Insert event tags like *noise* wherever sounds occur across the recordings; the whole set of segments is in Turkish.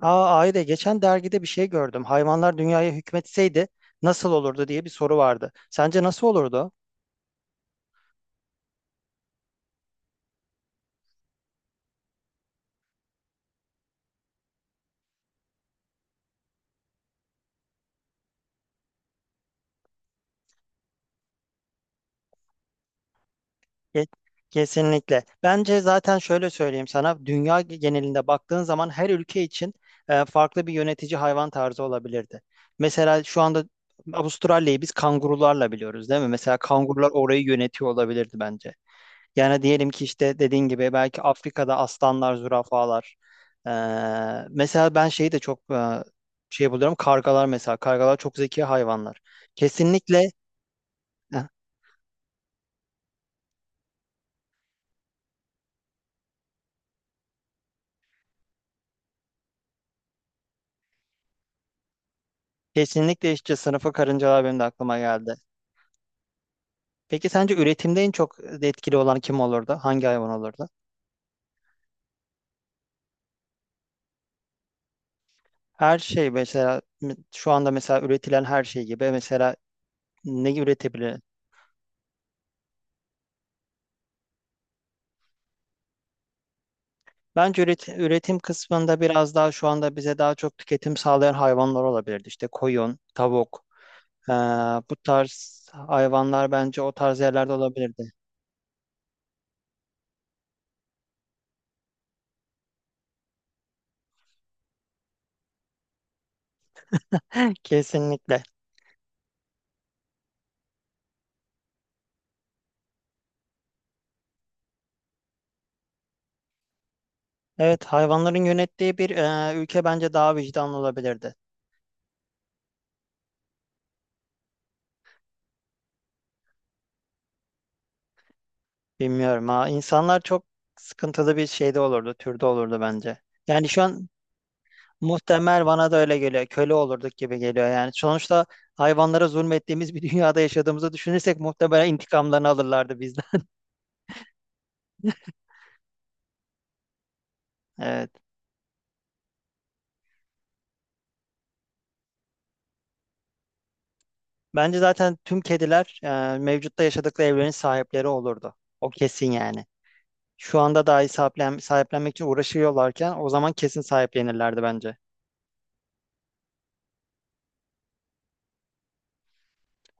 Ayda geçen dergide bir şey gördüm. Hayvanlar dünyaya hükmetseydi nasıl olurdu diye bir soru vardı. Sence nasıl olurdu? Ke- Kesinlikle. Bence zaten şöyle söyleyeyim sana. Dünya genelinde baktığın zaman her ülke için farklı bir yönetici hayvan tarzı olabilirdi. Mesela şu anda Avustralya'yı biz kangurularla biliyoruz, değil mi? Mesela kangurular orayı yönetiyor olabilirdi bence. Yani diyelim ki işte dediğin gibi belki Afrika'da aslanlar, zürafalar. Ee, mesela ben şeyi de çok şey buluyorum. Kargalar mesela. Kargalar çok zeki hayvanlar. Kesinlikle. Heh, kesinlikle işte sınıfı karıncalar benim de aklıma geldi. Peki sence üretimde en çok etkili olan kim olurdu? Hangi hayvan olurdu? Her şey mesela şu anda mesela üretilen her şey gibi mesela ne üretebilir? Bence üretim kısmında biraz daha şu anda bize daha çok tüketim sağlayan hayvanlar olabilirdi. İşte koyun, tavuk, eee, bu tarz hayvanlar bence o tarz yerlerde olabilirdi. *laughs* Kesinlikle. Evet, hayvanların yönettiği bir ülke bence daha vicdanlı olabilirdi. Bilmiyorum ha. İnsanlar çok sıkıntılı bir şeyde olurdu, türde olurdu bence. Yani şu an muhtemel bana da öyle geliyor. Köle olurduk gibi geliyor yani. Sonuçta hayvanlara zulmettiğimiz bir *laughs* dünyada yaşadığımızı düşünürsek muhtemelen intikamlarını alırlardı. Evet. Bence zaten tüm kediler mevcutta yaşadıkları evlerin sahipleri olurdu. O kesin yani. Şu anda dahi sahiplenmek için uğraşıyorlarken o zaman kesin sahiplenirlerdi bence.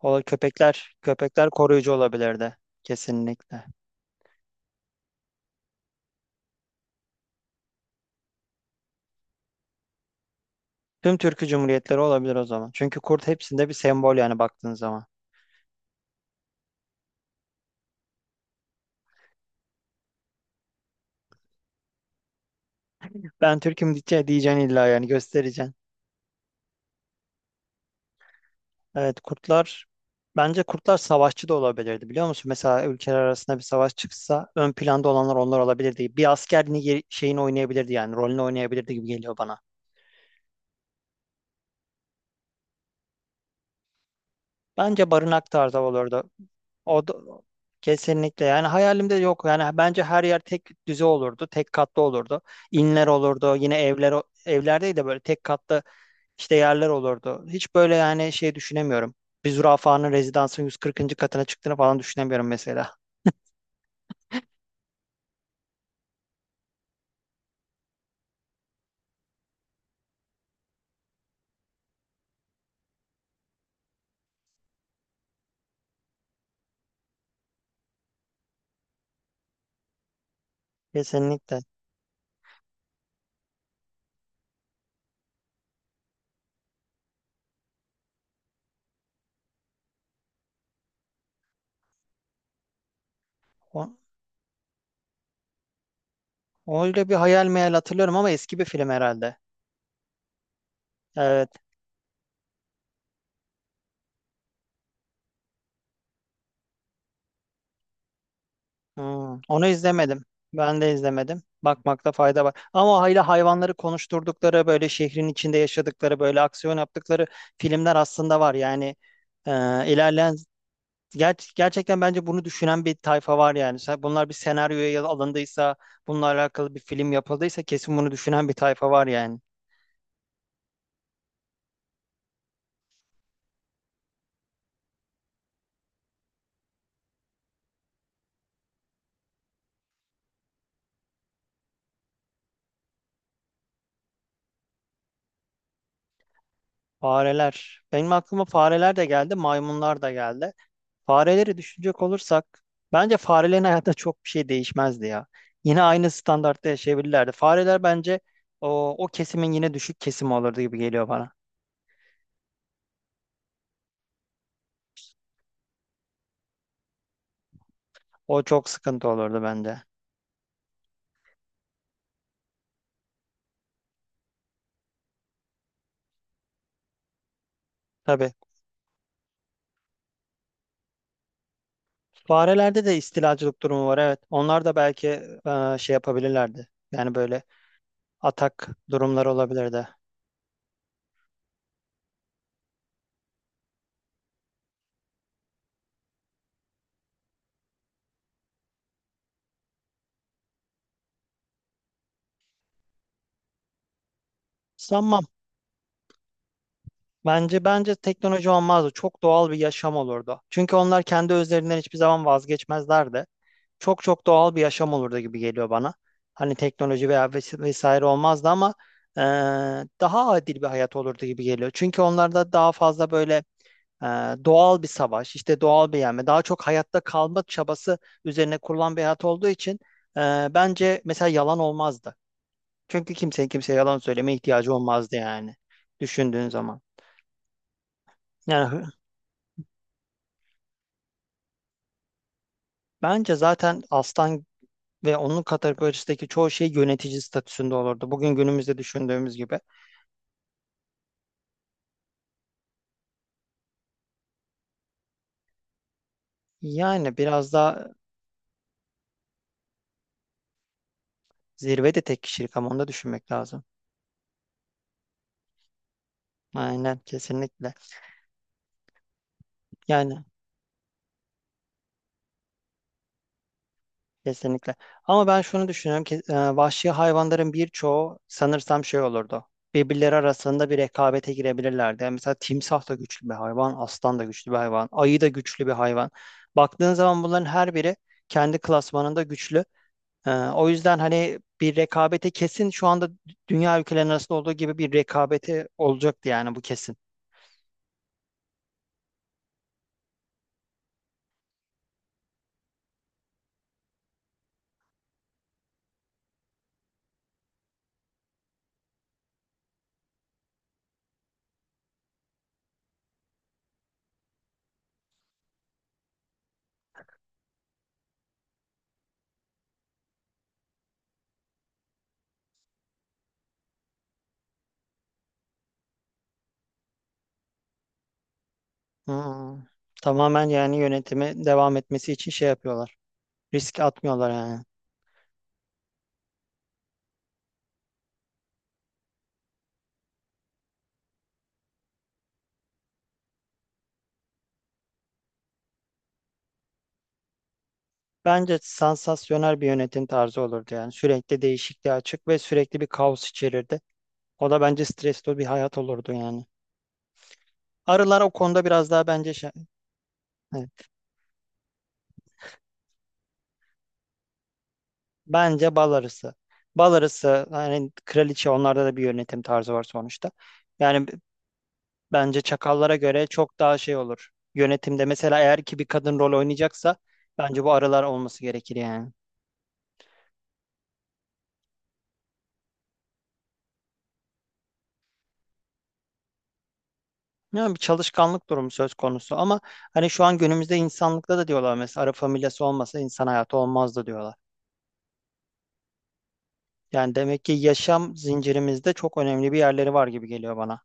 O köpekler koruyucu olabilirdi. Kesinlikle. Tüm Türkü Cumhuriyetleri olabilir o zaman. Çünkü kurt hepsinde bir sembol yani baktığın zaman. Ben Türk'üm diye diyeceksin illa yani göstereceksin. Evet kurtlar bence kurtlar savaşçı da olabilirdi biliyor musun? Mesela ülkeler arasında bir savaş çıksa ön planda olanlar onlar olabilirdi. Bir asker şeyini oynayabilirdi yani rolünü oynayabilirdi gibi geliyor bana. Bence barınak tarzı olurdu. O da- kesinlikle yani hayalimde yok. Yani bence her yer tek düze olurdu. Tek katlı olurdu. İnler olurdu. Yine evler evler de böyle tek katlı işte yerler olurdu. Hiç böyle yani şey düşünemiyorum. Bir zürafanın rezidansın 140. katına çıktığını falan düşünemiyorum mesela. Kesinlikle. O- Öyle bir hayal meyal hatırlıyorum ama eski bir film herhalde. Evet. Hmm, onu izlemedim. Ben de izlemedim. Bakmakta fayda var. Ama o hala hayvanları konuşturdukları, böyle şehrin içinde yaşadıkları, böyle aksiyon yaptıkları filmler aslında var. Yani e, ilerleyen gerçekten bence bunu düşünen bir tayfa var yani. Bunlar bir senaryoya alındıysa, bununla alakalı bir film yapıldıysa kesin bunu düşünen bir tayfa var yani. Fareler. Benim aklıma fareler de geldi, maymunlar da geldi. Fareleri düşünecek olursak bence farelerin hayatında çok bir şey değişmezdi ya. Yine aynı standartta yaşayabilirlerdi. Fareler bence o kesimin yine düşük kesimi olurdu gibi geliyor bana. O çok sıkıntı olurdu bence. Tabii. Farelerde de istilacılık durumu var evet. Onlar da belki şey yapabilirlerdi. Yani böyle atak durumları olabilirdi. Sanmam. Bence teknoloji olmazdı. Çok doğal bir yaşam olurdu. Çünkü onlar kendi özlerinden hiçbir zaman vazgeçmezlerdi. Çok çok doğal bir yaşam olurdu gibi geliyor bana. Hani teknoloji veya vesaire olmazdı ama e, daha adil bir hayat olurdu gibi geliyor. Çünkü onlarda daha fazla böyle e, doğal bir savaş, işte doğal bir yenme, daha çok hayatta kalma çabası üzerine kurulan bir hayat olduğu için bence mesela yalan olmazdı. Çünkü kimsenin kimseye yalan söylemeye ihtiyacı olmazdı yani düşündüğün zaman. Yani bence zaten aslan ve onun kategorisindeki çoğu şey yönetici statüsünde olurdu. Bugün günümüzde düşündüğümüz gibi. Yani biraz daha zirve de tek kişilik ama onu da düşünmek lazım. Aynen kesinlikle. Yani kesinlikle. Ama ben şunu düşünüyorum ki vahşi hayvanların birçoğu sanırsam şey olurdu. Birbirleri arasında bir rekabete girebilirlerdi. Yani mesela timsah da güçlü bir hayvan, aslan da güçlü bir hayvan, ayı da güçlü bir hayvan. Baktığın zaman bunların her biri kendi klasmanında güçlü. O yüzden hani bir rekabete kesin şu anda dünya ülkelerinin arasında olduğu gibi bir rekabete olacaktı yani bu kesin. Hmm. Tamamen yani yönetimi devam etmesi için şey yapıyorlar. Risk atmıyorlar yani. Bence sansasyonel bir yönetim tarzı olurdu yani. Sürekli değişikliğe açık ve sürekli bir kaos içerirdi. O da bence stresli bir hayat olurdu yani. Arılar o konuda biraz daha bence evet. Bence bal arısı. Bal arısı yani kraliçe onlarda da bir yönetim tarzı var sonuçta. Yani bence çakallara göre çok daha şey olur. Yönetimde mesela eğer ki bir kadın rol oynayacaksa bence bu arılar olması gerekir yani. Ya bir çalışkanlık durumu söz konusu ama hani şu an günümüzde insanlıkta da diyorlar mesela Arap familyası olmasa insan hayatı olmazdı diyorlar. Yani demek ki yaşam zincirimizde çok önemli bir yerleri var gibi geliyor bana.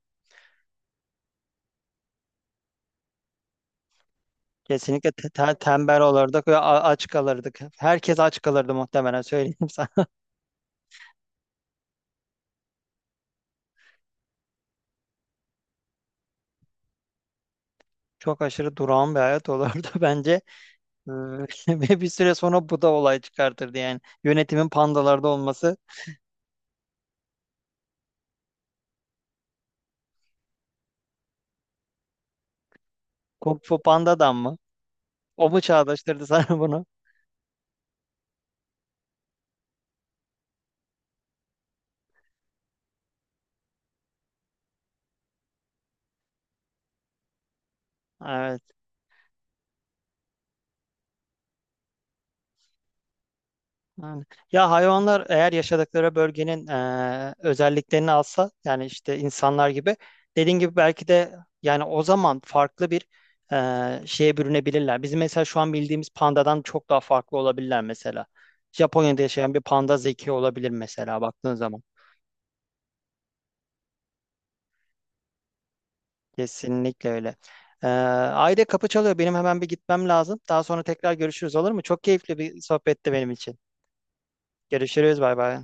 Kesinlikle tembel olurduk ve aç kalırdık. Herkes aç kalırdı muhtemelen söyleyeyim sana. *laughs* Çok aşırı durağan bir hayat olurdu *laughs* bence. Ee, *laughs* ve bir süre sonra bu da olay çıkartırdı yani. Yönetimin pandalarda olması. Kung Fu Panda'dan mı? O mu çağrıştırdı *laughs* sana bunu? Evet. Yani, ya hayvanlar eğer yaşadıkları bölgenin özelliklerini alsa yani işte insanlar gibi dediğin gibi belki de yani o zaman farklı bir şeye bürünebilirler. Bizim mesela şu an bildiğimiz pandadan çok daha farklı olabilirler mesela. Japonya'da yaşayan bir panda zeki olabilir mesela baktığın zaman. Kesinlikle öyle. Ayda kapı çalıyor. Benim hemen bir gitmem lazım. Daha sonra tekrar görüşürüz olur mu? Çok keyifli bir sohbetti benim için. Görüşürüz. Bay bay.